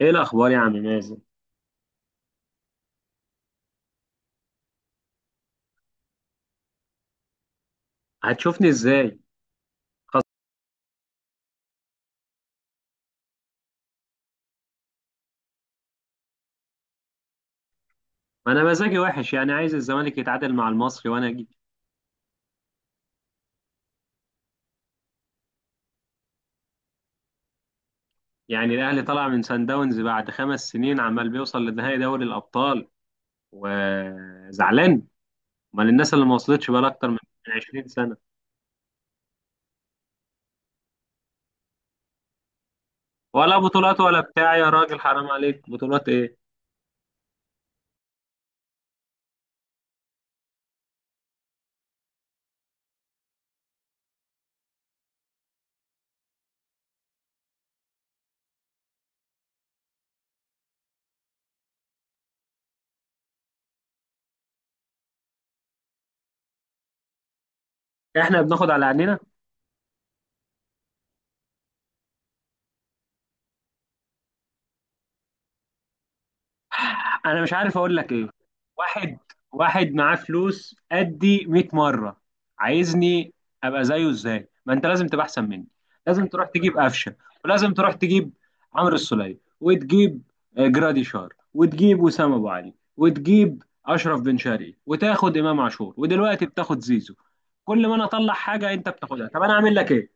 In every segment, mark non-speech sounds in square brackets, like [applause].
ايه الاخبار يا عم مازن؟ هتشوفني ازاي؟ خلاص. ما انا مزاجي وحش، يعني عايز الزمالك يتعادل مع المصري وانا اجي. يعني الاهلي طلع من سان داونز بعد 5 سنين عمال بيوصل لنهائي دوري الابطال، وزعلان؟ امال الناس اللي ما وصلتش بقى اكتر من 20 سنه؟ ولا بطولات ولا بتاع، يا راجل حرام عليك، بطولات ايه؟ احنا بناخد على عينينا. انا مش عارف اقول لك ايه. واحد واحد معاه فلوس قدي 100 مره، عايزني ابقى زيه ازاي؟ ما انت لازم تبقى احسن مني. لازم تروح تجيب قفشه، ولازم تروح تجيب عمرو السولية، وتجيب جرادي شار، وتجيب وسام ابو علي، وتجيب اشرف بن شرقي، وتاخد امام عاشور، ودلوقتي بتاخد زيزو. كل ما انا اطلع حاجه انت بتاخدها، طب انا اعمل لك ايه؟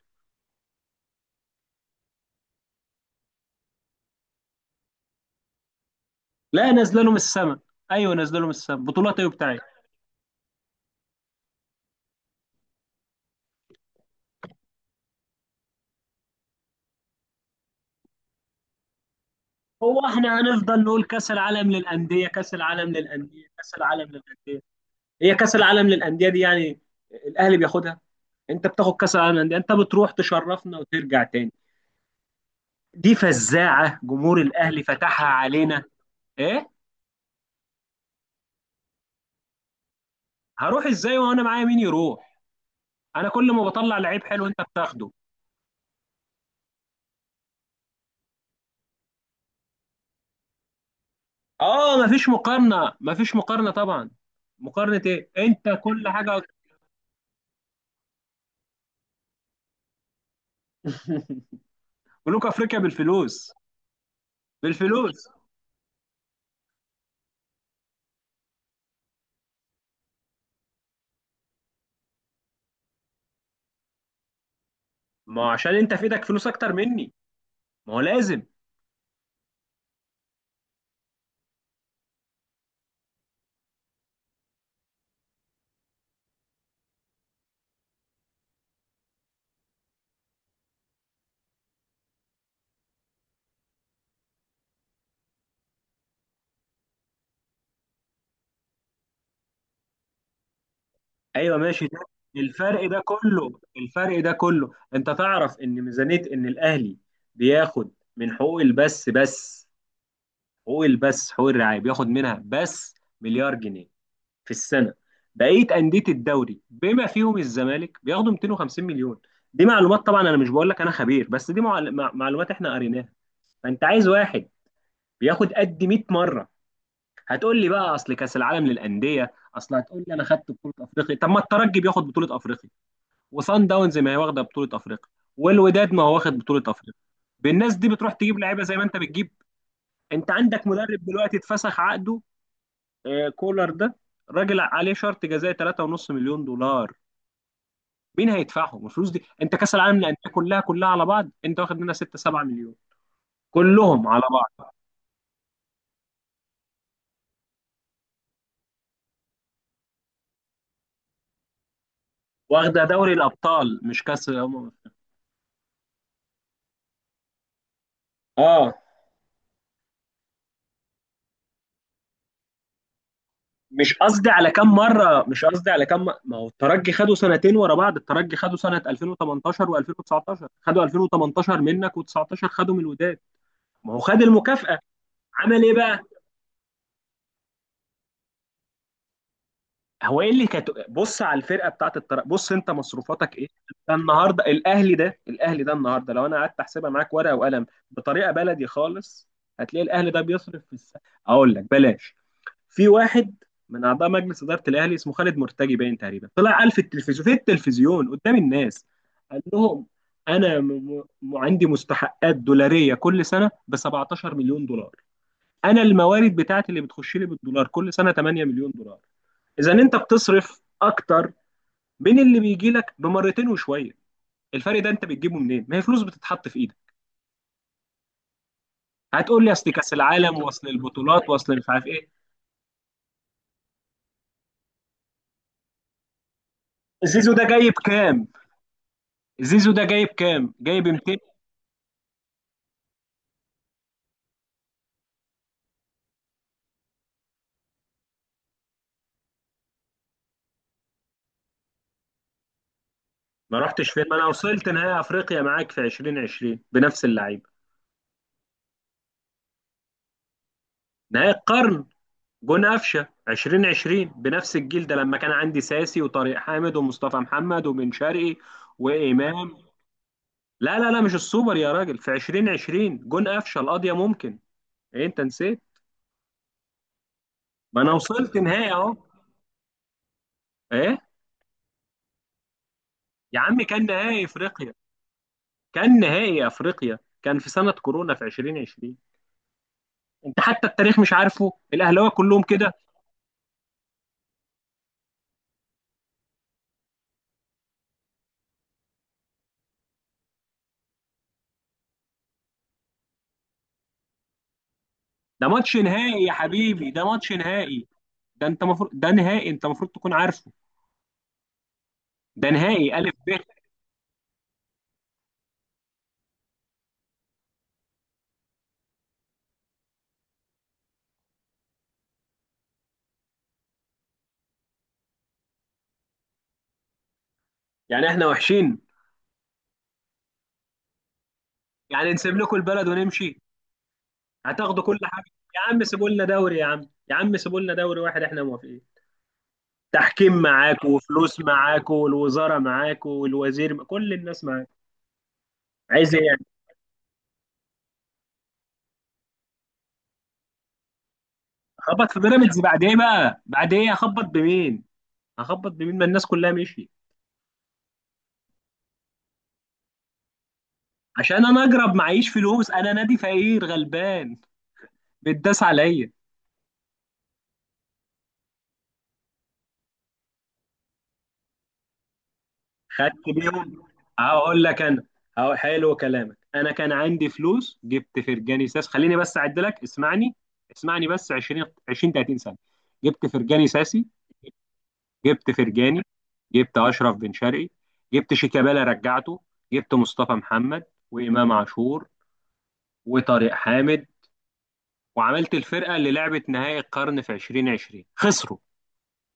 لا، نازله له من السما. ايوه نازله له من السما، بطولات ايه بتاعي؟ هو احنا هنفضل نقول كأس العالم للأندية كأس العالم للأندية كأس العالم للأندية؟ هي كأس العالم للأندية دي يعني الأهلي بياخدها؟ انت بتاخد كأس العالم للأندية، انت بتروح تشرفنا وترجع تاني. دي فزاعة جمهور الأهلي فتحها علينا. ايه، هروح ازاي وانا معايا مين يروح؟ انا كل ما بطلع لعيب حلو انت بتاخده. اه، مفيش مقارنة مفيش مقارنة طبعا. مقارنة ايه، انت كل حاجة. [laughs] ملوك افريقيا بالفلوس. بالفلوس. ما هو عشان انت في ايدك فلوس اكتر مني، ما هو لازم. ايوه ماشي ده. الفرق ده كله الفرق ده كله، انت تعرف ان ميزانيه ان الاهلي بياخد من حقوق البث بس، حقوق البث حقوق الرعايه بياخد منها بس مليار جنيه في السنه. بقيه انديه الدوري بما فيهم الزمالك بياخدوا 250 مليون. دي معلومات طبعا، انا مش بقول لك انا خبير، بس دي معلومات احنا قريناها. فانت عايز واحد بياخد قد 100 مره. هتقول لي بقى اصل كاس العالم للانديه، اصل هتقول لي انا خدت بطوله افريقيا، طب ما الترجي بياخد بطوله افريقيا، وصن داونز ما هي واخده بطوله افريقيا، والوداد ما هو واخد بطوله افريقيا بالناس دي بتروح تجيب لعيبه زي ما انت بتجيب. انت عندك مدرب دلوقتي اتفسخ عقده، كولر ده، راجل عليه شرط جزائي 3.5 مليون دولار. مين هيدفعهم الفلوس دي؟ انت كاس العالم للانديه كلها كلها على بعض انت واخد منها 6 7 مليون، كلهم على بعض. واخده دوري الابطال مش كاس الامم. اه، مش قصدي على كام مره، مش قصدي على ما هو الترجي خدوا سنتين ورا بعض، الترجي خدوا سنه 2018 و2019، خدوا 2018 منك و19 خدوا من الوداد. ما هو خد المكافاه. عمل ايه بقى؟ هو ايه اللي كانت، بص على الفرقه بتاعت الترجي، بص انت مصروفاتك ايه. ده النهارده الاهلي، ده الاهلي ده النهارده لو انا قعدت احسبها معاك ورقه وقلم بطريقه بلدي خالص، هتلاقي الاهلي ده بيصرف في السنه. اقول لك بلاش. في واحد من اعضاء مجلس اداره الاهلي اسمه خالد مرتجي، باين تقريبا طلع قال في التلفزيون، في التلفزيون قدام الناس قال لهم انا عندي مستحقات دولاريه كل سنه ب 17 مليون دولار، انا الموارد بتاعتي اللي بتخش لي بالدولار كل سنه 8 مليون دولار. اذا انت بتصرف اكتر من اللي بيجي لك بمرتين وشويه، الفرق ده انت بتجيبه منين؟ ما هي فلوس بتتحط في ايدك. هتقول لي اصل كاس العالم واصل البطولات واصل مش عارف ايه. زيزو ده جايب كام؟ زيزو ده جايب كام، جايب 200. ما رحتش فين، ما انا وصلت نهائي افريقيا معاك في 2020 بنفس اللعيبه. نهائي القرن، جون قفشه 2020، بنفس الجيل ده، لما كان عندي ساسي وطارق حامد ومصطفى محمد وبن شرقي وامام. لا لا لا مش السوبر يا راجل، في 2020 جون قفشه القضيه ممكن، ايه انت نسيت؟ ما انا وصلت نهائي اهو. ايه يا عم، كان نهائي افريقيا، كان نهائي افريقيا، كان في سنه كورونا في 2020. انت حتى التاريخ مش عارفه، الاهلاويه كلهم كده. ده ماتش نهائي يا حبيبي، ده ماتش نهائي. ده انت مفروض، ده نهائي، انت المفروض تكون عارفه. ده نهائي الف ب. يعني احنا وحشين؟ يعني نسيب لكم البلد ونمشي؟ هتاخدوا كل حاجه. يا عم سيبوا لنا دوري، يا عم. يا عم سيبوا لنا دوري واحد، احنا موافقين. تحكيم معاك، وفلوس معاك، والوزاره معاك، والوزير كل الناس معاك. عايز ايه يعني؟ اخبط في بيراميدز بعد ايه بقى؟ بعد ايه اخبط بمين؟ اخبط بمين ما الناس كلها مشيت. عشان انا اجرب معيش فلوس، انا نادي فقير غلبان بتداس عليا. خدت بيهم، هقول لك انا، هقول حلو كلامك. انا كان عندي فلوس جبت فرجاني ساس، خليني بس اعد لك، اسمعني اسمعني بس. 20 20 30 سنه. جبت فرجاني ساسي، جبت فرجاني، جبت اشرف بن شرقي، جبت شيكابالا رجعته، جبت مصطفى محمد وامام عاشور وطارق حامد، وعملت الفرقه اللي لعبت نهائي القرن في 2020 خسروا.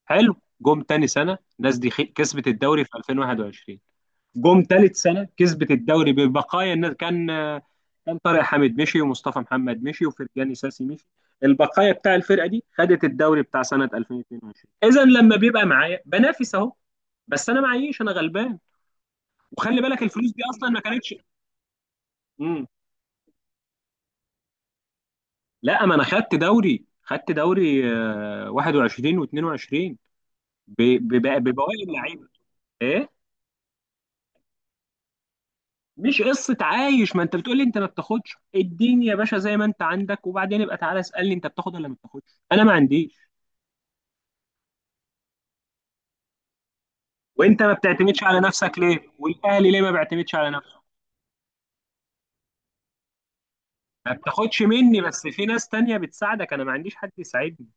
حلو. جم تاني سنه الناس دي كسبت الدوري في 2021. جم ثالث سنه كسبت الدوري ببقايا الناس، كان طارق حامد مشي، ومصطفى محمد مشي، وفرجاني ساسي مشي. البقايا بتاع الفرقه دي خدت الدوري بتاع سنه 2022. اذا لما بيبقى معايا بنافس اهو، بس انا معيش، انا غلبان. وخلي بالك الفلوس دي اصلا ما كانتش. مم. لا، ما انا خدت دوري، خدت دوري 21 و22 ببواقي اللعيبه. ايه، مش قصة عايش، ما انت بتقولي انت ما بتاخدش، اديني يا باشا زي ما انت عندك وبعدين ابقى تعالى اسألني انت بتاخد ولا ما بتاخدش. انا ما عنديش. وانت ما بتعتمدش على نفسك ليه، والاهلي ليه ما بيعتمدش على نفسه؟ ما بتاخدش مني، بس في ناس تانية بتساعدك، انا ما عنديش حد يساعدني.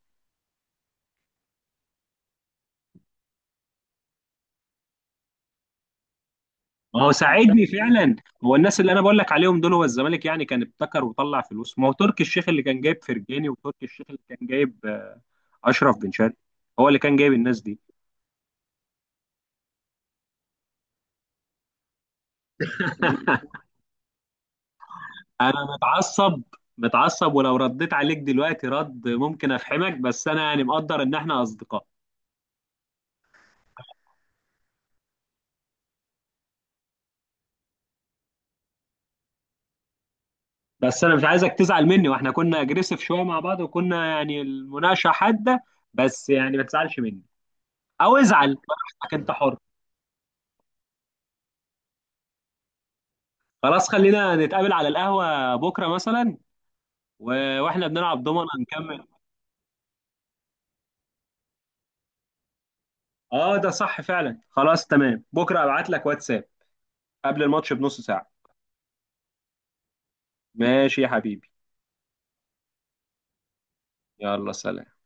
ما هو ساعدني فعلا. هو الناس اللي انا بقول لك عليهم دول هو الزمالك يعني كان ابتكر وطلع فلوس؟ ما هو تركي الشيخ اللي كان جايب فرجاني، وتركي الشيخ اللي كان جايب اشرف بن شرقي، هو اللي كان جايب الناس دي. انا متعصب، متعصب، ولو رديت عليك دلوقتي رد ممكن افحمك، بس انا يعني مقدر ان احنا اصدقاء. بس انا مش عايزك تزعل مني، واحنا كنا اجريسيف شويه مع بعض، وكنا يعني المناقشه حاده، بس يعني ما تزعلش مني، او ازعل براحتك انت حر. خلاص، خلينا نتقابل على القهوه بكره مثلا، واحنا بنلعب دومنا نكمل. اه، ده صح فعلا، خلاص تمام، بكره ابعت لك واتساب قبل الماتش بنص ساعه. ماشي يا حبيبي، يلا سلام.